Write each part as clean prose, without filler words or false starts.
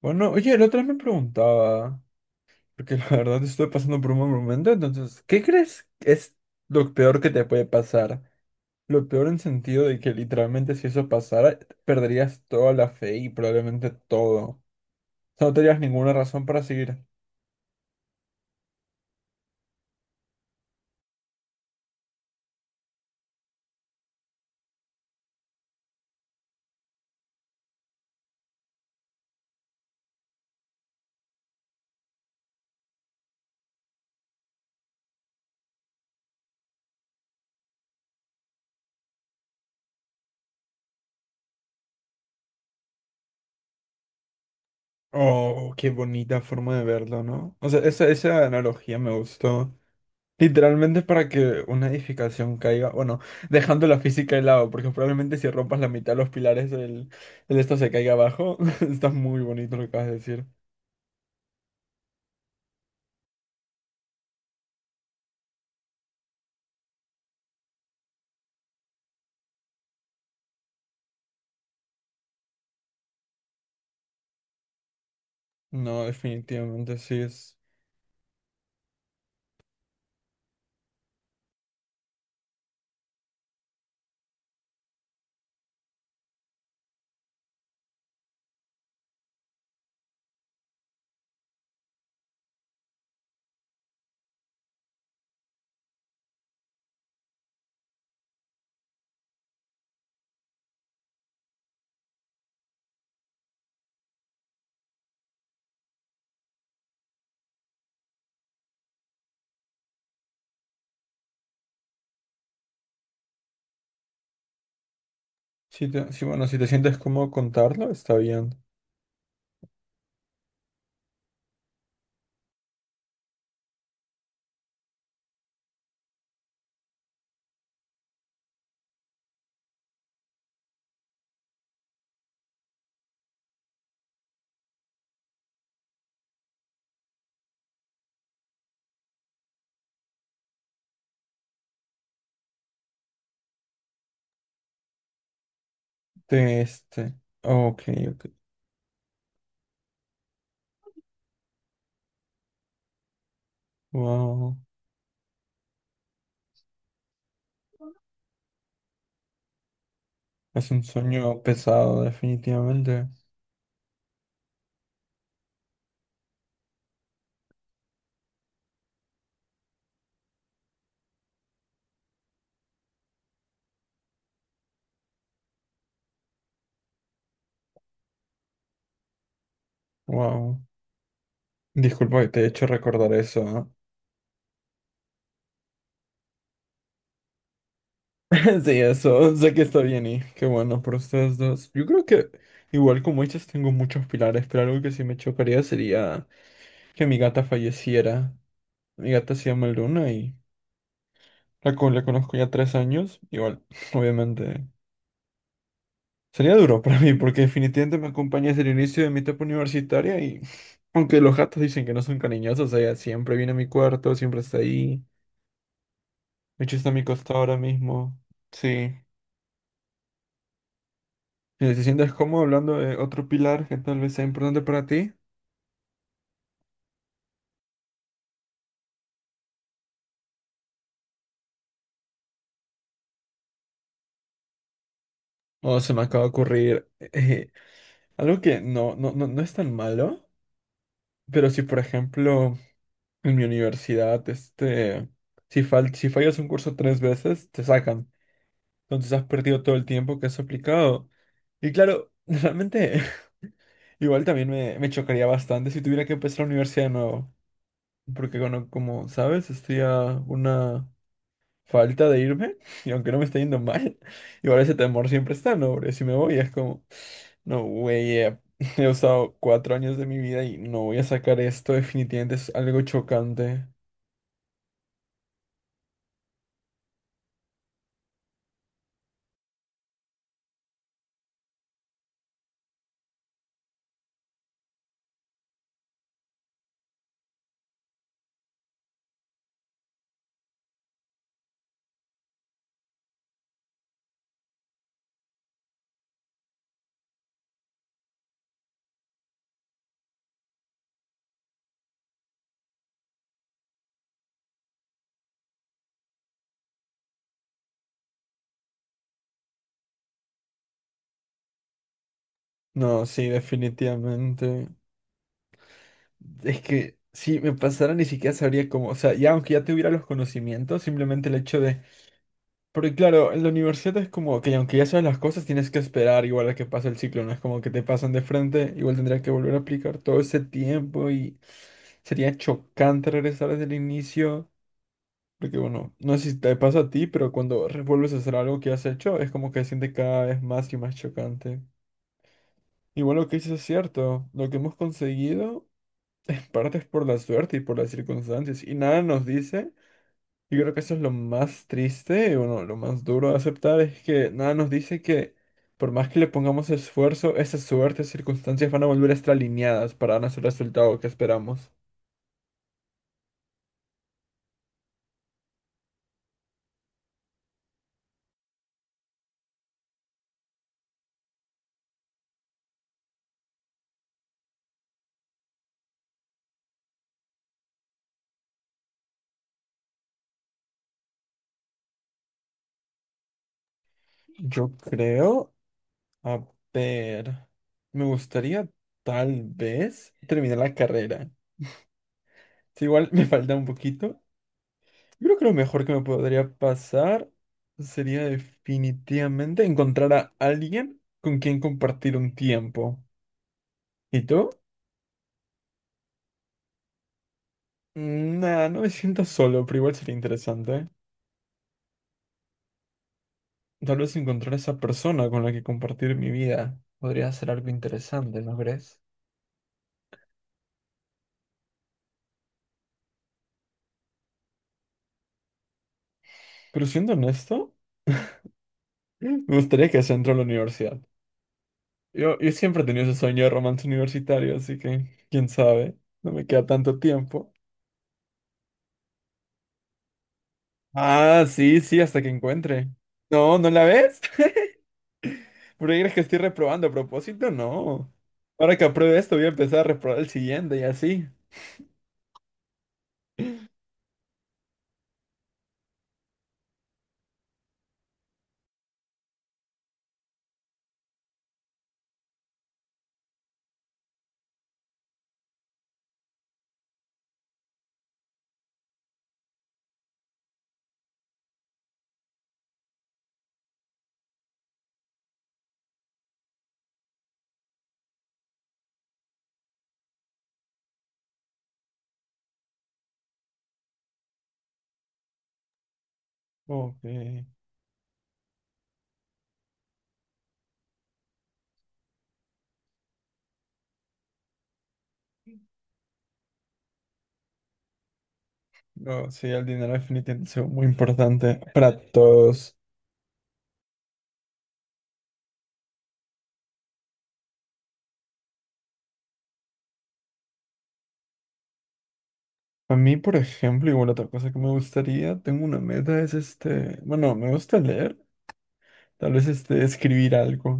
Bueno, oye, el otro me preguntaba, porque la verdad estoy pasando por un mal momento, entonces, ¿qué crees que es lo peor que te puede pasar? Lo peor en sentido de que literalmente si eso pasara, perderías toda la fe y probablemente todo. O sea, no tendrías ninguna razón para seguir. Oh, qué bonita forma de verlo, ¿no? O sea, esa analogía me gustó. Literalmente para que una edificación caiga, bueno, dejando la física de lado, porque probablemente si rompas la mitad de los pilares, el esto se caiga abajo. Está muy bonito lo que acabas de decir. No, definitivamente sí es. Sí, sí, bueno, si te sientes cómodo contarlo, está bien. De este. Ok, ok. Wow. Es un sueño pesado, definitivamente. Wow. Disculpa que te he hecho recordar eso, ¿ah? Sí, eso, sé que está bien y qué bueno por ustedes dos. Yo creo que igual como ellas tengo muchos pilares, pero algo que sí me chocaría sería que mi gata falleciera. Mi gata se llama Luna y la conozco ya 3 años. Igual, obviamente, sería duro para mí porque definitivamente me acompaña desde el inicio de mi etapa universitaria y aunque los gatos dicen que no son cariñosos, ella siempre viene a mi cuarto, siempre está ahí. De hecho, está a mi costado ahora mismo. Sí. Si te sientes cómodo hablando de otro pilar que tal vez sea importante para ti, o se me acaba de ocurrir algo que no, no, no, no es tan malo, pero si por ejemplo en mi universidad, este, si fallas un curso tres veces, te sacan. Entonces has perdido todo el tiempo que has aplicado. Y claro, realmente igual también me chocaría bastante si tuviera que empezar la universidad de nuevo. Porque bueno, como sabes, estoy a una falta de irme, y aunque no me está yendo mal, igual ese temor siempre está, ¿no? Porque si me voy es como, no, güey, he usado 4 años de mi vida y no voy a sacar esto, definitivamente es algo chocante. No, sí, definitivamente. Es que si me pasara ni siquiera sabría cómo, o sea, ya aunque ya tuviera los conocimientos, simplemente el hecho de. Porque claro, en la universidad es como que aunque ya sabes las cosas, tienes que esperar igual a que pase el ciclo, no es como que te pasan de frente, igual tendrías que volver a aplicar todo ese tiempo y sería chocante regresar desde el inicio, porque bueno, no sé si te pasa a ti, pero cuando vuelves a hacer algo que has hecho, es como que se siente cada vez más y más chocante. Igual lo que dices es cierto, lo que hemos conseguido en parte es por la suerte y por las circunstancias, y nada nos dice, yo creo que eso es lo más triste, y bueno, lo más duro de aceptar es que nada nos dice que por más que le pongamos esfuerzo, esas suertes, circunstancias van a volver a estar alineadas para darnos el resultado que esperamos. Yo creo, a ver, me gustaría tal vez terminar la carrera. Si igual me falta un poquito, yo creo que lo mejor que me podría pasar sería definitivamente encontrar a alguien con quien compartir un tiempo. ¿Y tú? Mm, nah, no me siento solo, pero igual sería interesante. Tal vez encontrar a esa persona con la que compartir mi vida podría ser algo interesante, ¿no crees? Pero siendo honesto, me gustaría que se entró a la universidad. Yo siempre he tenido ese sueño de romance universitario, así que, quién sabe, no me queda tanto tiempo. Ah, sí, sí, hasta que encuentre. No, ¿no la ves? ¿Por qué crees que estoy reprobando a propósito? No. Ahora que apruebe esto, voy a empezar a reprobar el siguiente y así. Ok. No, sí, el dinero definitivamente es algo muy importante para todos. A mí, por ejemplo, igual otra cosa que me gustaría, tengo una meta, es este, bueno, me gusta leer, tal vez este, escribir algo.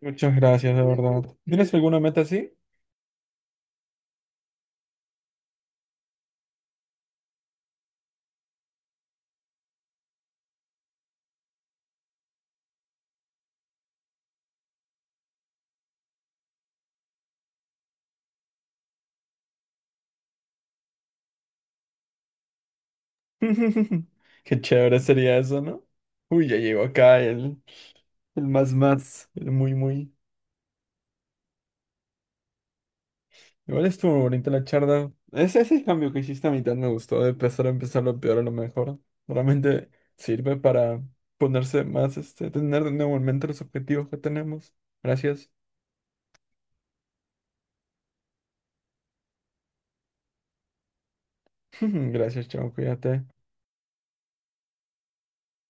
Muchas gracias, de verdad. ¿Tienes alguna meta así? Qué chévere sería eso, ¿no? Uy, ya llegó acá el, más más, el muy muy. Igual estuvo bonita la charla. Ese cambio que hiciste a mitad me gustó, de empezar a empezar lo peor a lo mejor. Realmente sirve para ponerse más, este, tener de nuevo en mente los objetivos que tenemos. Gracias. Gracias, chao, cuídate.